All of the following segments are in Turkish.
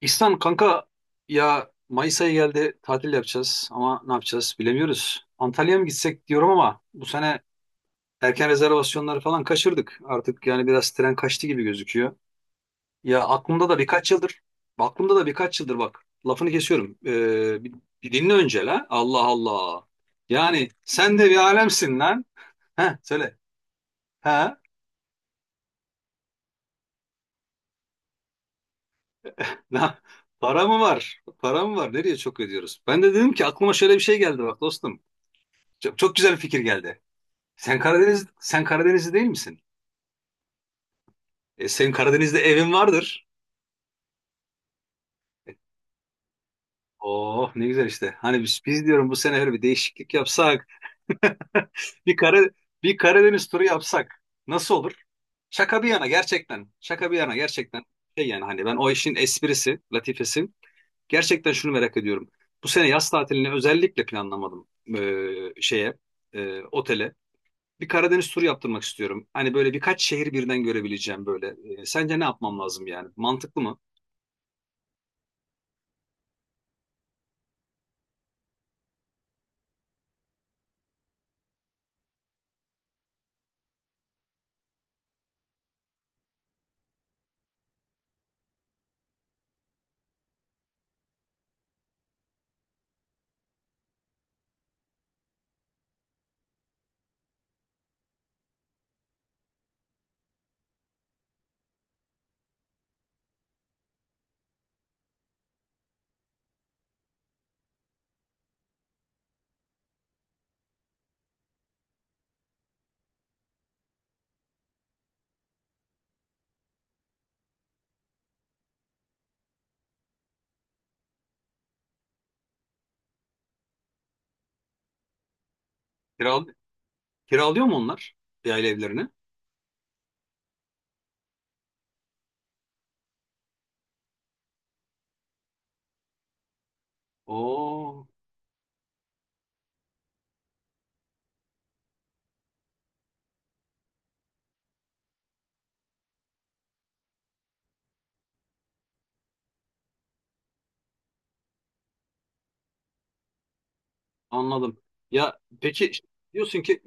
İhsan kanka, ya Mayıs ayı geldi, tatil yapacağız ama ne yapacağız bilemiyoruz. Antalya'ya mı gitsek diyorum ama bu sene erken rezervasyonları falan kaçırdık. Artık yani biraz tren kaçtı gibi gözüküyor. Ya aklımda da birkaç yıldır bak, lafını kesiyorum. Bir dinle önce la. Allah Allah. Yani sen de bir alemsin lan. He, söyle. Ha. La, para mı var? Para mı var? Nereye çok ödüyoruz? Ben de dedim ki aklıma şöyle bir şey geldi bak dostum. Çok, çok güzel bir fikir geldi. Sen Karadenizli değil misin? Senin Karadeniz'de evin vardır. E, Oh, ne güzel işte. Hani biz diyorum, bu sene öyle bir değişiklik yapsak. Bir Kara, bir Karadeniz turu yapsak nasıl olur? Şaka bir yana gerçekten. Şaka bir yana gerçekten. Şey yani, hani ben, o işin esprisi, latifesi. Gerçekten şunu merak ediyorum. Bu sene yaz tatilini özellikle planlamadım, şeye, otele. Bir Karadeniz turu yaptırmak istiyorum. Hani böyle birkaç şehir birden görebileceğim böyle. Sence ne yapmam lazım yani? Mantıklı mı? Kiral kiralıyor mu onlar, bir aile evlerini? Oo, anladım. Ya peki, diyorsun ki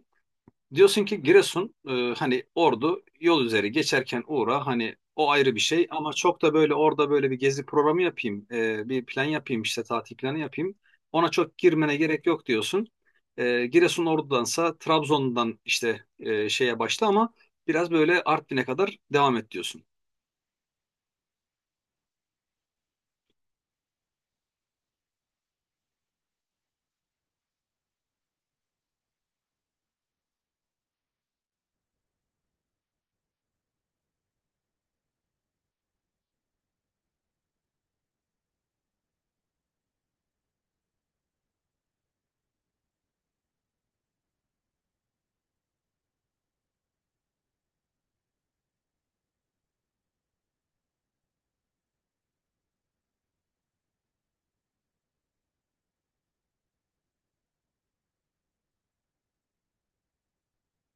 Diyorsun ki Giresun, hani Ordu yol üzeri geçerken uğra, hani o ayrı bir şey, ama çok da böyle orada böyle bir gezi programı yapayım, bir plan yapayım, işte tatil planı yapayım, ona çok girmene gerek yok diyorsun. Giresun Ordu'dansa Trabzon'dan işte, şeye başla, ama biraz böyle Artvin'e kadar devam et diyorsun.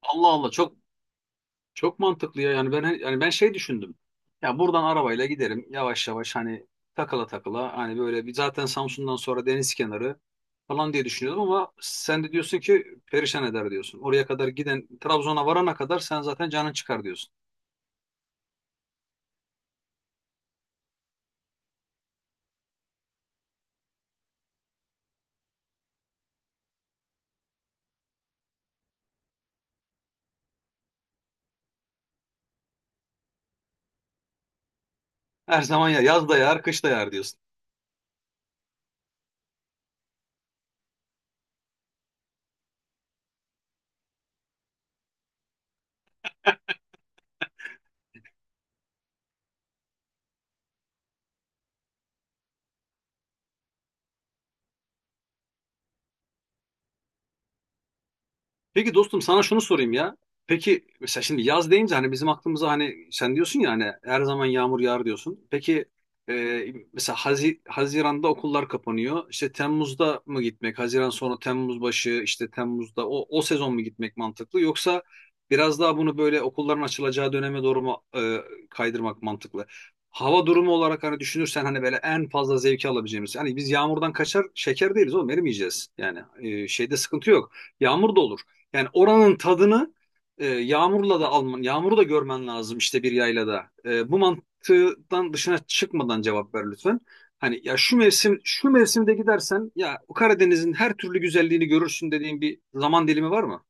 Allah Allah, çok, çok mantıklı ya. Yani ben, hani ben şey düşündüm. Ya buradan arabayla giderim yavaş yavaş, hani takıla takıla, hani böyle bir, zaten Samsun'dan sonra deniz kenarı falan diye düşünüyordum ama sen de diyorsun ki perişan eder diyorsun. Oraya kadar giden, Trabzon'a varana kadar sen zaten canın çıkar diyorsun. Her zaman ya yaz da yağar, kış da yağar diyorsun. Peki dostum, sana şunu sorayım ya. Peki mesela, şimdi yaz deyince hani bizim aklımıza, hani sen diyorsun ya hani her zaman yağmur yağar diyorsun. Peki, mesela Haziran'da okullar kapanıyor. İşte Temmuz'da mı gitmek? Haziran sonra Temmuz başı, işte Temmuz'da, o sezon mu gitmek mantıklı? Yoksa biraz daha bunu böyle okulların açılacağı döneme doğru mu kaydırmak mantıklı? Hava durumu olarak hani düşünürsen, hani böyle en fazla zevki alabileceğimiz. Hani biz yağmurdan kaçar şeker değiliz oğlum, erimeyeceğiz. Yani, şeyde sıkıntı yok. Yağmur da olur. Yani oranın tadını yağmurla da alman, yağmuru da görmen lazım, işte bir yaylada. Bu mantıktan dışına çıkmadan cevap ver lütfen. Hani, ya şu mevsim, şu mevsimde gidersen ya Karadeniz'in her türlü güzelliğini görürsün dediğin bir zaman dilimi var mı?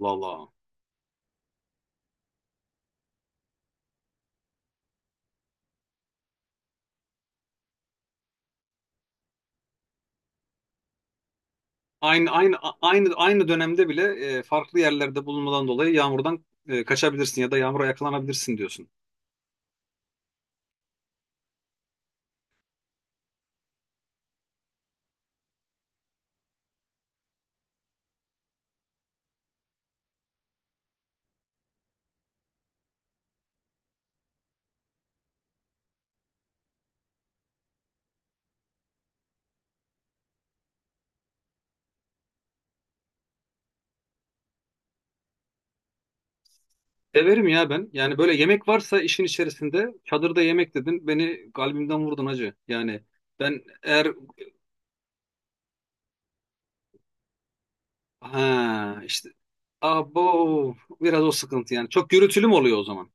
Valla. Aynı aynı a- aynı aynı dönemde bile farklı yerlerde bulunmadan dolayı yağmurdan kaçabilirsin ya da yağmura yakalanabilirsin diyorsun. Severim ya ben. Yani böyle yemek varsa işin içerisinde, çadırda yemek dedin, beni kalbimden vurdun hacı. Yani ben eğer, ha işte, abo, biraz o sıkıntı yani. Çok gürültülü mü oluyor o zaman?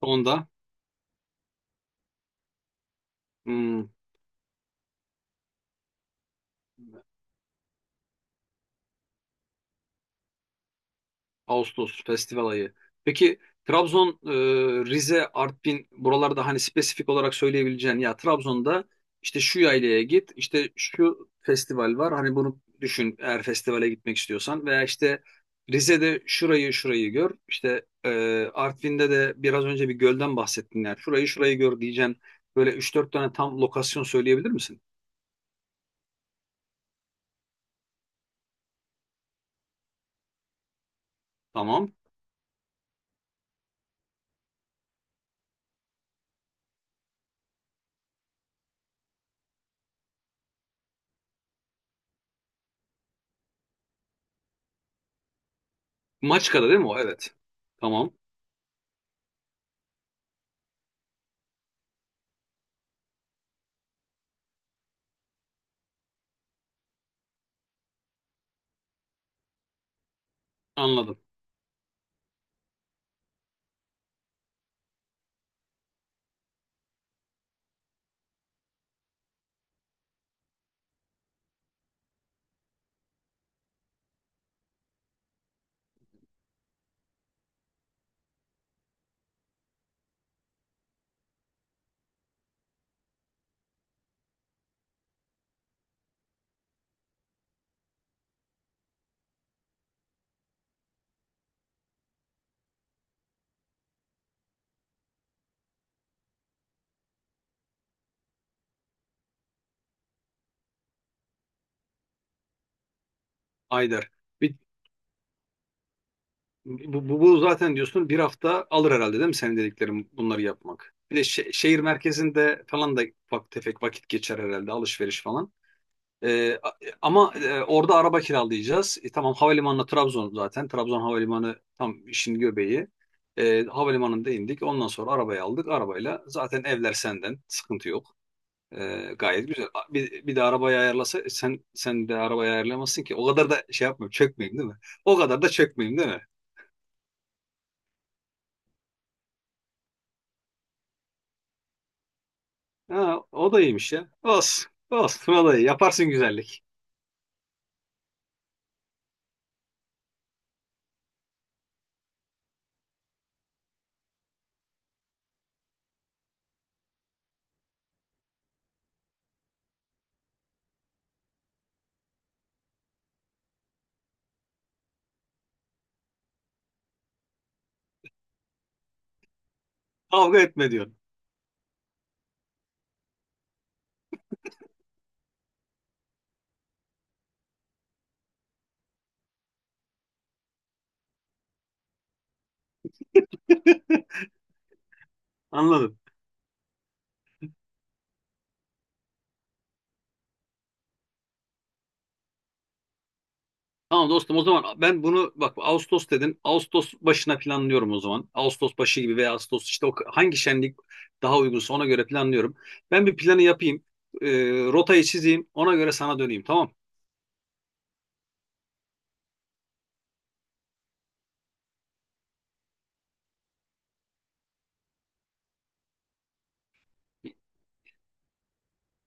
Onda. Hmm. Ağustos festival ayı. Peki Trabzon, Rize, Artvin buralarda hani spesifik olarak söyleyebileceğin, ya Trabzon'da işte şu yaylaya git, işte şu festival var. Hani bunu düşün eğer festivale gitmek istiyorsan, veya işte Rize'de şurayı şurayı gör. İşte, Artvin'de de biraz önce bir gölden bahsettin yani. Şurayı şurayı gör diyeceğin böyle üç dört tane tam lokasyon söyleyebilir misin? Tamam. Maçka'da değil mi o? Evet. Tamam. Anladım. Ayder. Bir bu zaten diyorsun, bir hafta alır herhalde değil mi, senin dediklerin bunları yapmak? Bir de şehir merkezinde falan da ufak tefek vakit geçer herhalde, alışveriş falan. Ee, a- Ama orada araba kiralayacağız. Tamam, havalimanına Trabzon zaten. Trabzon havalimanı tam işin göbeği. Havalimanında indik. Ondan sonra arabayı aldık. Arabayla zaten, evler senden. Sıkıntı yok. Gayet güzel. Bir de arabayı ayarlasa sen, sen de arabayı ayarlamazsın ki. O kadar da şey yapmayayım, çökmeyeyim değil mi? O kadar da çökmeyeyim değil mi? Ha, o da iyiymiş ya. Olsun. Olsun, o da iyi. Yaparsın güzellik. Kavga etme diyorum. Anladım. Tamam dostum, o zaman ben bunu, bak, Ağustos dedin. Ağustos başına planlıyorum o zaman. Ağustos başı gibi, veya Ağustos işte, o hangi şenlik daha uygunsa ona göre planlıyorum. Ben bir planı yapayım. E, Rotayı çizeyim. Ona göre sana döneyim, tamam.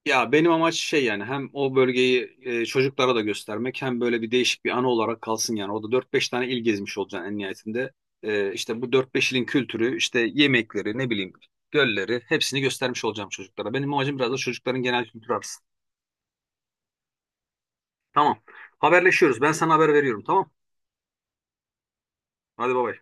Ya benim amaç şey yani, hem o bölgeyi çocuklara da göstermek, hem böyle bir değişik bir anı olarak kalsın yani. Orada dört beş tane il gezmiş olacaksın en nihayetinde. İşte bu dört beş ilin kültürü, işte yemekleri, ne bileyim gölleri, hepsini göstermiş olacağım çocuklara. Benim amacım biraz da çocukların genel kültürü arasın. Tamam. Haberleşiyoruz. Ben sana haber veriyorum, tamam. Hadi bay bay.